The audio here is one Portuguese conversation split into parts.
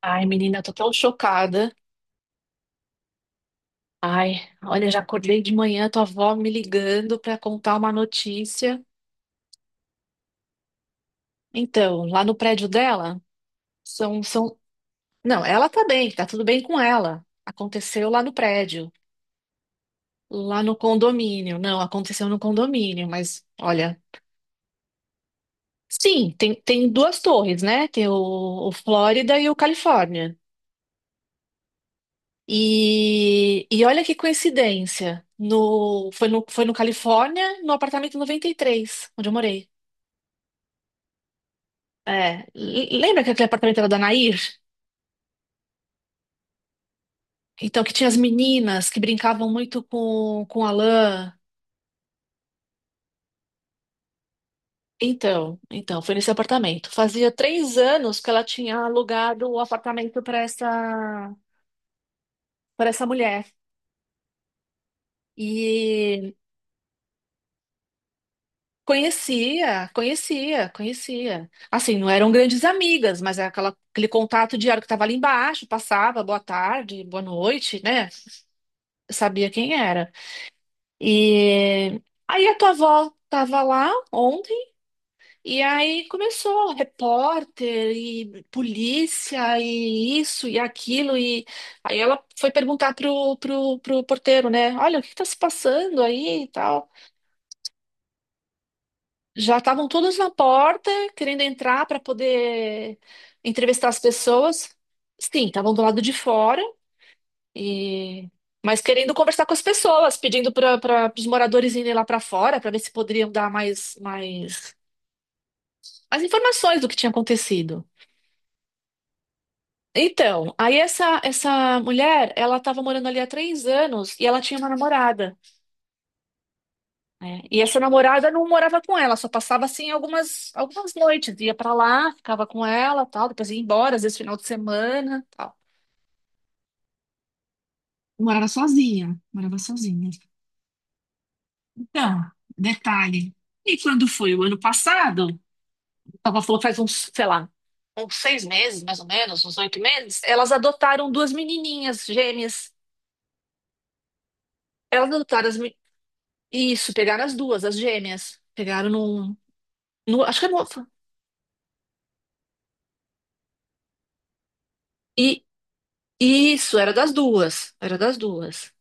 Ai, menina, tô tão chocada. Ai, olha, já acordei de manhã, tua avó me ligando pra contar uma notícia. Então, lá no prédio dela, são, são... Não, ela tá bem, tá tudo bem com ela. Aconteceu lá no prédio, lá no condomínio. Não, aconteceu no condomínio, mas olha. Sim, tem duas torres, né? Tem o Flórida e o Califórnia. E olha que coincidência. Foi no Califórnia, no apartamento 93, onde eu morei. É, lembra que aquele apartamento era da Nair? Então, que tinha as meninas que brincavam muito com a lã. Então, foi nesse apartamento. Fazia 3 anos que ela tinha alugado o apartamento para essa mulher. E conhecia, conhecia, conhecia. Assim, não eram grandes amigas, mas era aquele contato diário que estava ali embaixo, passava, boa tarde, boa noite, né? Sabia quem era. E aí a tua avó estava lá ontem. E aí começou repórter e polícia e isso e aquilo e aí ela foi perguntar pro porteiro, né? Olha, o que está se passando aí e tal. Já estavam todos na porta querendo entrar para poder entrevistar as pessoas. Sim, estavam do lado de fora e mas querendo conversar com as pessoas, pedindo para os moradores irem lá para fora para ver se poderiam dar mais informações do que tinha acontecido. Então, aí essa mulher, ela estava morando ali há 3 anos e ela tinha uma namorada, né? E essa namorada não morava com ela, só passava assim algumas noites, ia pra lá, ficava com ela, tal, depois ia embora, às vezes final de semana, tal. Morava sozinha, morava sozinha. Então, detalhe. E quando foi o ano passado, ela falou faz uns, sei lá, uns 6 meses, mais ou menos, uns 8 meses, elas adotaram duas menininhas gêmeas. Elas adotaram as. Isso, pegaram as duas, as gêmeas. Pegaram num. No, acho que é no, e isso, era das duas. Era das duas.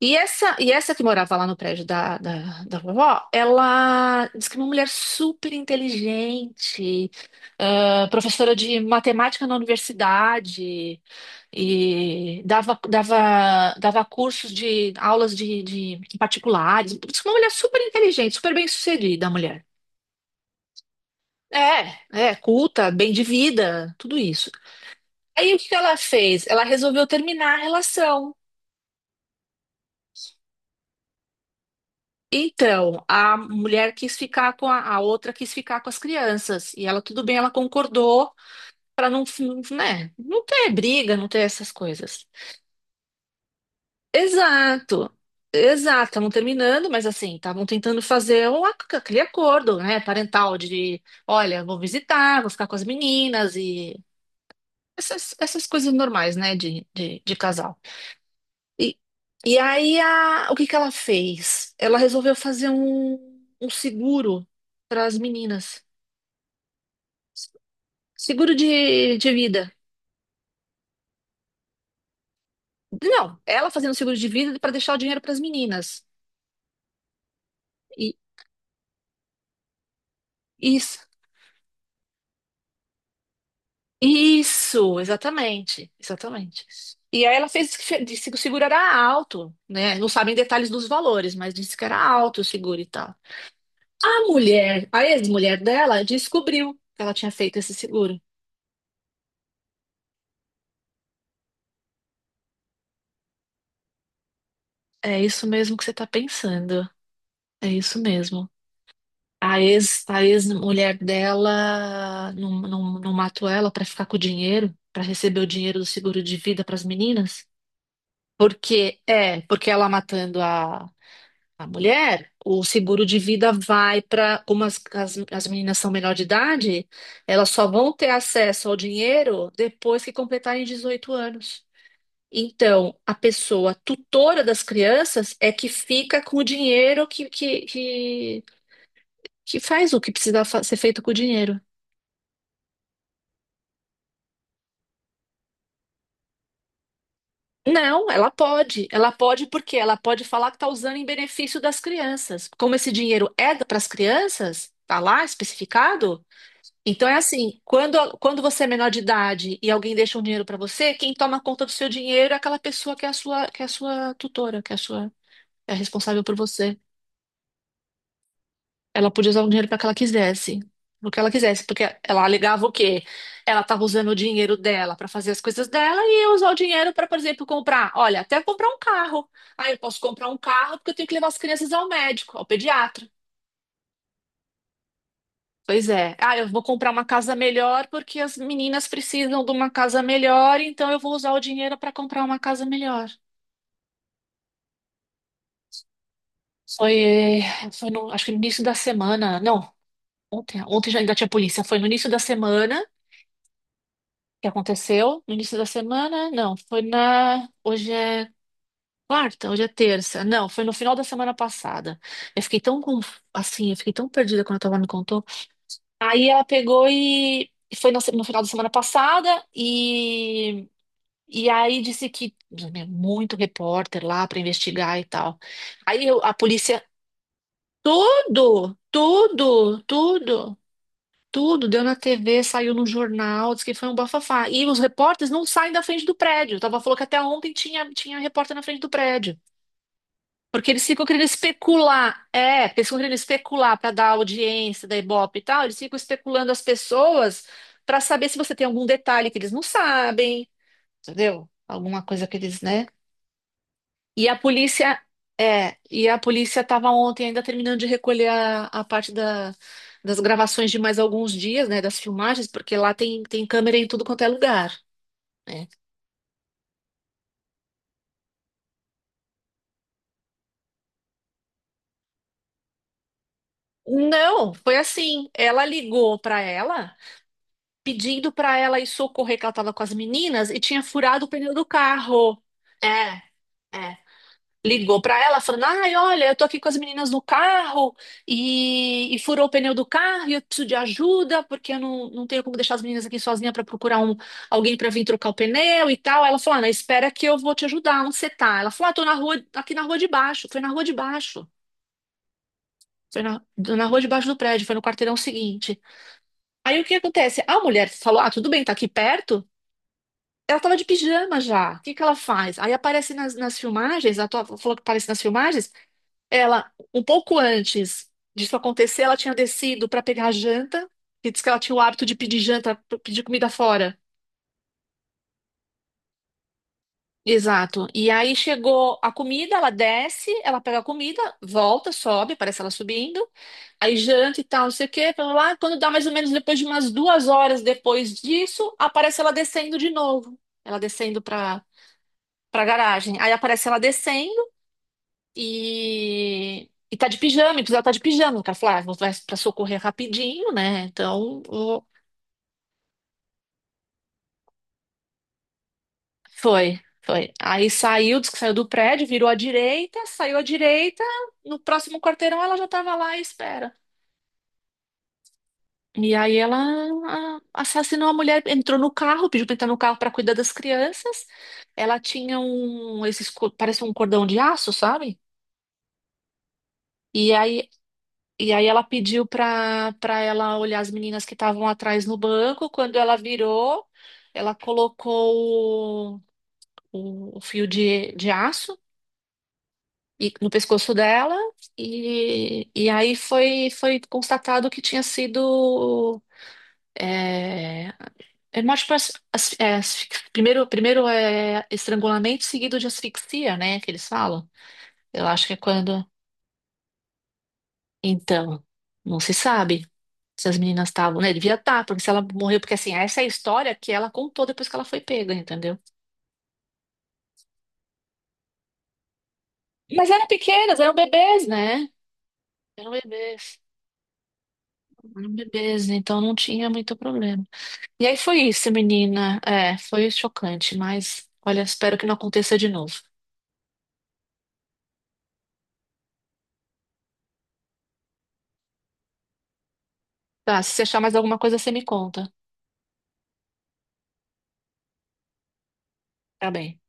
E essa que morava lá no prédio da, da, da vovó, ela disse que é uma mulher super inteligente, professora de matemática na universidade, e dava cursos de aulas de particulares. Disse que é uma mulher super inteligente, super bem-sucedida, a mulher. É, é, culta, bem de vida, tudo isso. Aí o que que ela fez? Ela resolveu terminar a relação. Então, a mulher quis ficar com a outra quis ficar com as crianças. E ela, tudo bem, ela concordou para não, não, né, não ter briga, não ter essas coisas. Exato, exato. Estavam terminando, mas assim, estavam tentando fazer aquele acordo, né, parental de, olha, vou visitar, vou ficar com as meninas e essas coisas normais, né, de casal. E, e aí, o que que ela fez? Ela resolveu fazer um, seguro para as meninas. Seguro de vida. Não, ela fazendo seguro de vida para deixar o dinheiro para as meninas. E, isso, isso, exatamente, exatamente. E aí ela fez que disse que o seguro era alto, né? Não sabem detalhes dos valores, mas disse que era alto o seguro e tal. A mulher, a ex-mulher dela, descobriu que ela tinha feito esse seguro. É isso mesmo que você está pensando. É isso mesmo. A ex-mulher dela não, não, não matou ela para ficar com o dinheiro, para receber o dinheiro do seguro de vida para as meninas? Porque ela matando a mulher, o seguro de vida vai para, como as meninas são menor de idade, elas só vão ter acesso ao dinheiro depois que completarem 18 anos. Então, a pessoa tutora das crianças é que fica com o dinheiro que faz o que precisa ser feito com o dinheiro. Não, ela pode. Ela pode porque ela pode falar que está usando em benefício das crianças. Como esse dinheiro é para as crianças, tá lá especificado. Então é assim, quando você é menor de idade e alguém deixa um dinheiro para você, quem toma conta do seu dinheiro é aquela pessoa que é a sua, que é a sua tutora, que é a sua, é responsável por você. Ela podia usar o dinheiro para que ela quisesse. Para o que ela quisesse, porque ela alegava o quê? Ela estava usando o dinheiro dela para fazer as coisas dela e eu usar o dinheiro para, por exemplo, comprar. Olha, até comprar um carro. Ah, eu posso comprar um carro porque eu tenho que levar as crianças ao médico, ao pediatra. Pois é. Ah, eu vou comprar uma casa melhor porque as meninas precisam de uma casa melhor, então eu vou usar o dinheiro para comprar uma casa melhor. Foi, foi no, acho que no início da semana. Não, ontem já ainda tinha polícia. Foi no início da semana. Que aconteceu no início da semana? Não, foi na. Hoje é quarta, hoje é terça. Não, foi no final da semana passada. Eu fiquei tão conf... assim, eu fiquei tão perdida quando a tua me contou. Aí ela pegou e foi na no final da semana passada e aí disse que meu, muito repórter lá para investigar e tal. Aí a polícia tudo, tudo, tudo. Tudo deu na TV, saiu no jornal, disse que foi um bafafá. E os repórteres não saem da frente do prédio. Tava falou que até ontem tinha, repórter na frente do prédio. Porque eles ficam querendo especular. É, porque eles ficam querendo especular para dar audiência da Ibope e tal. Eles ficam especulando as pessoas para saber se você tem algum detalhe que eles não sabem, entendeu? Alguma coisa que eles, né? E a polícia, e a polícia estava ontem ainda terminando de recolher a parte das gravações de mais alguns dias, né, das filmagens, porque lá tem câmera em tudo quanto é lugar, né? Não, foi assim. Ela ligou para ela, pedindo para ela ir socorrer que ela estava com as meninas e tinha furado o pneu do carro. É, é. Ligou pra ela falando: "Ai, olha, eu tô aqui com as meninas no carro e furou o pneu do carro e eu preciso de ajuda porque eu não tenho como deixar as meninas aqui sozinha pra procurar alguém pra vir trocar o pneu e tal." Ela falou: "Ah, não, espera que eu vou te ajudar, onde você tá?" Ela falou: "Ah, tô na rua, aqui na rua de baixo." Foi na rua de baixo. Foi na rua de baixo do prédio, foi no quarteirão seguinte. Aí o que acontece? A mulher falou: "Ah, tudo bem, tá aqui perto." Ela tava de pijama já. O que que ela faz? Aí aparece nas filmagens, ela falou que aparece nas filmagens. Ela, um pouco antes disso acontecer, ela tinha descido para pegar a janta, e disse que ela tinha o hábito de pedir janta, pedir comida fora. Exato. E aí chegou a comida, ela desce, ela pega a comida, volta, sobe, parece ela subindo, aí janta e tal, não sei o quê, blá, blá, blá. Quando dá mais ou menos depois de umas 2 horas depois disso, aparece ela descendo de novo. Ela descendo para garagem. Aí aparece ela descendo. E tá de pijama, e precisava tá de pijama, cara. Falei: "Ah, vai pra socorrer rapidinho, né?" Então, foi, foi. Aí saiu, disse que saiu do prédio, virou à direita, saiu à direita, no próximo quarteirão ela já tava lá à espera. E aí ela assassinou a mulher, entrou no carro, pediu pra entrar no carro pra cuidar das crianças. Ela tinha parece um cordão de aço, sabe? E aí E aí ela pediu para ela olhar as meninas que estavam atrás no banco. Quando ela virou, ela colocou o fio de aço no pescoço dela e aí foi constatado que tinha sido é, é mais tipo primeiro é estrangulamento seguido de asfixia, né? Que eles falam. Eu acho que é quando. Então, não se sabe. Se as meninas estavam, né? Devia estar, porque se ela morreu, porque assim, essa é a história que ela contou depois que ela foi pega, entendeu? Mas eram pequenas, eram bebês, né? Eram bebês. Eram bebês, então não tinha muito problema. E aí foi isso, menina. É, foi chocante, mas olha, espero que não aconteça de novo. Tá, se você achar mais alguma coisa, você me conta. Tá bem.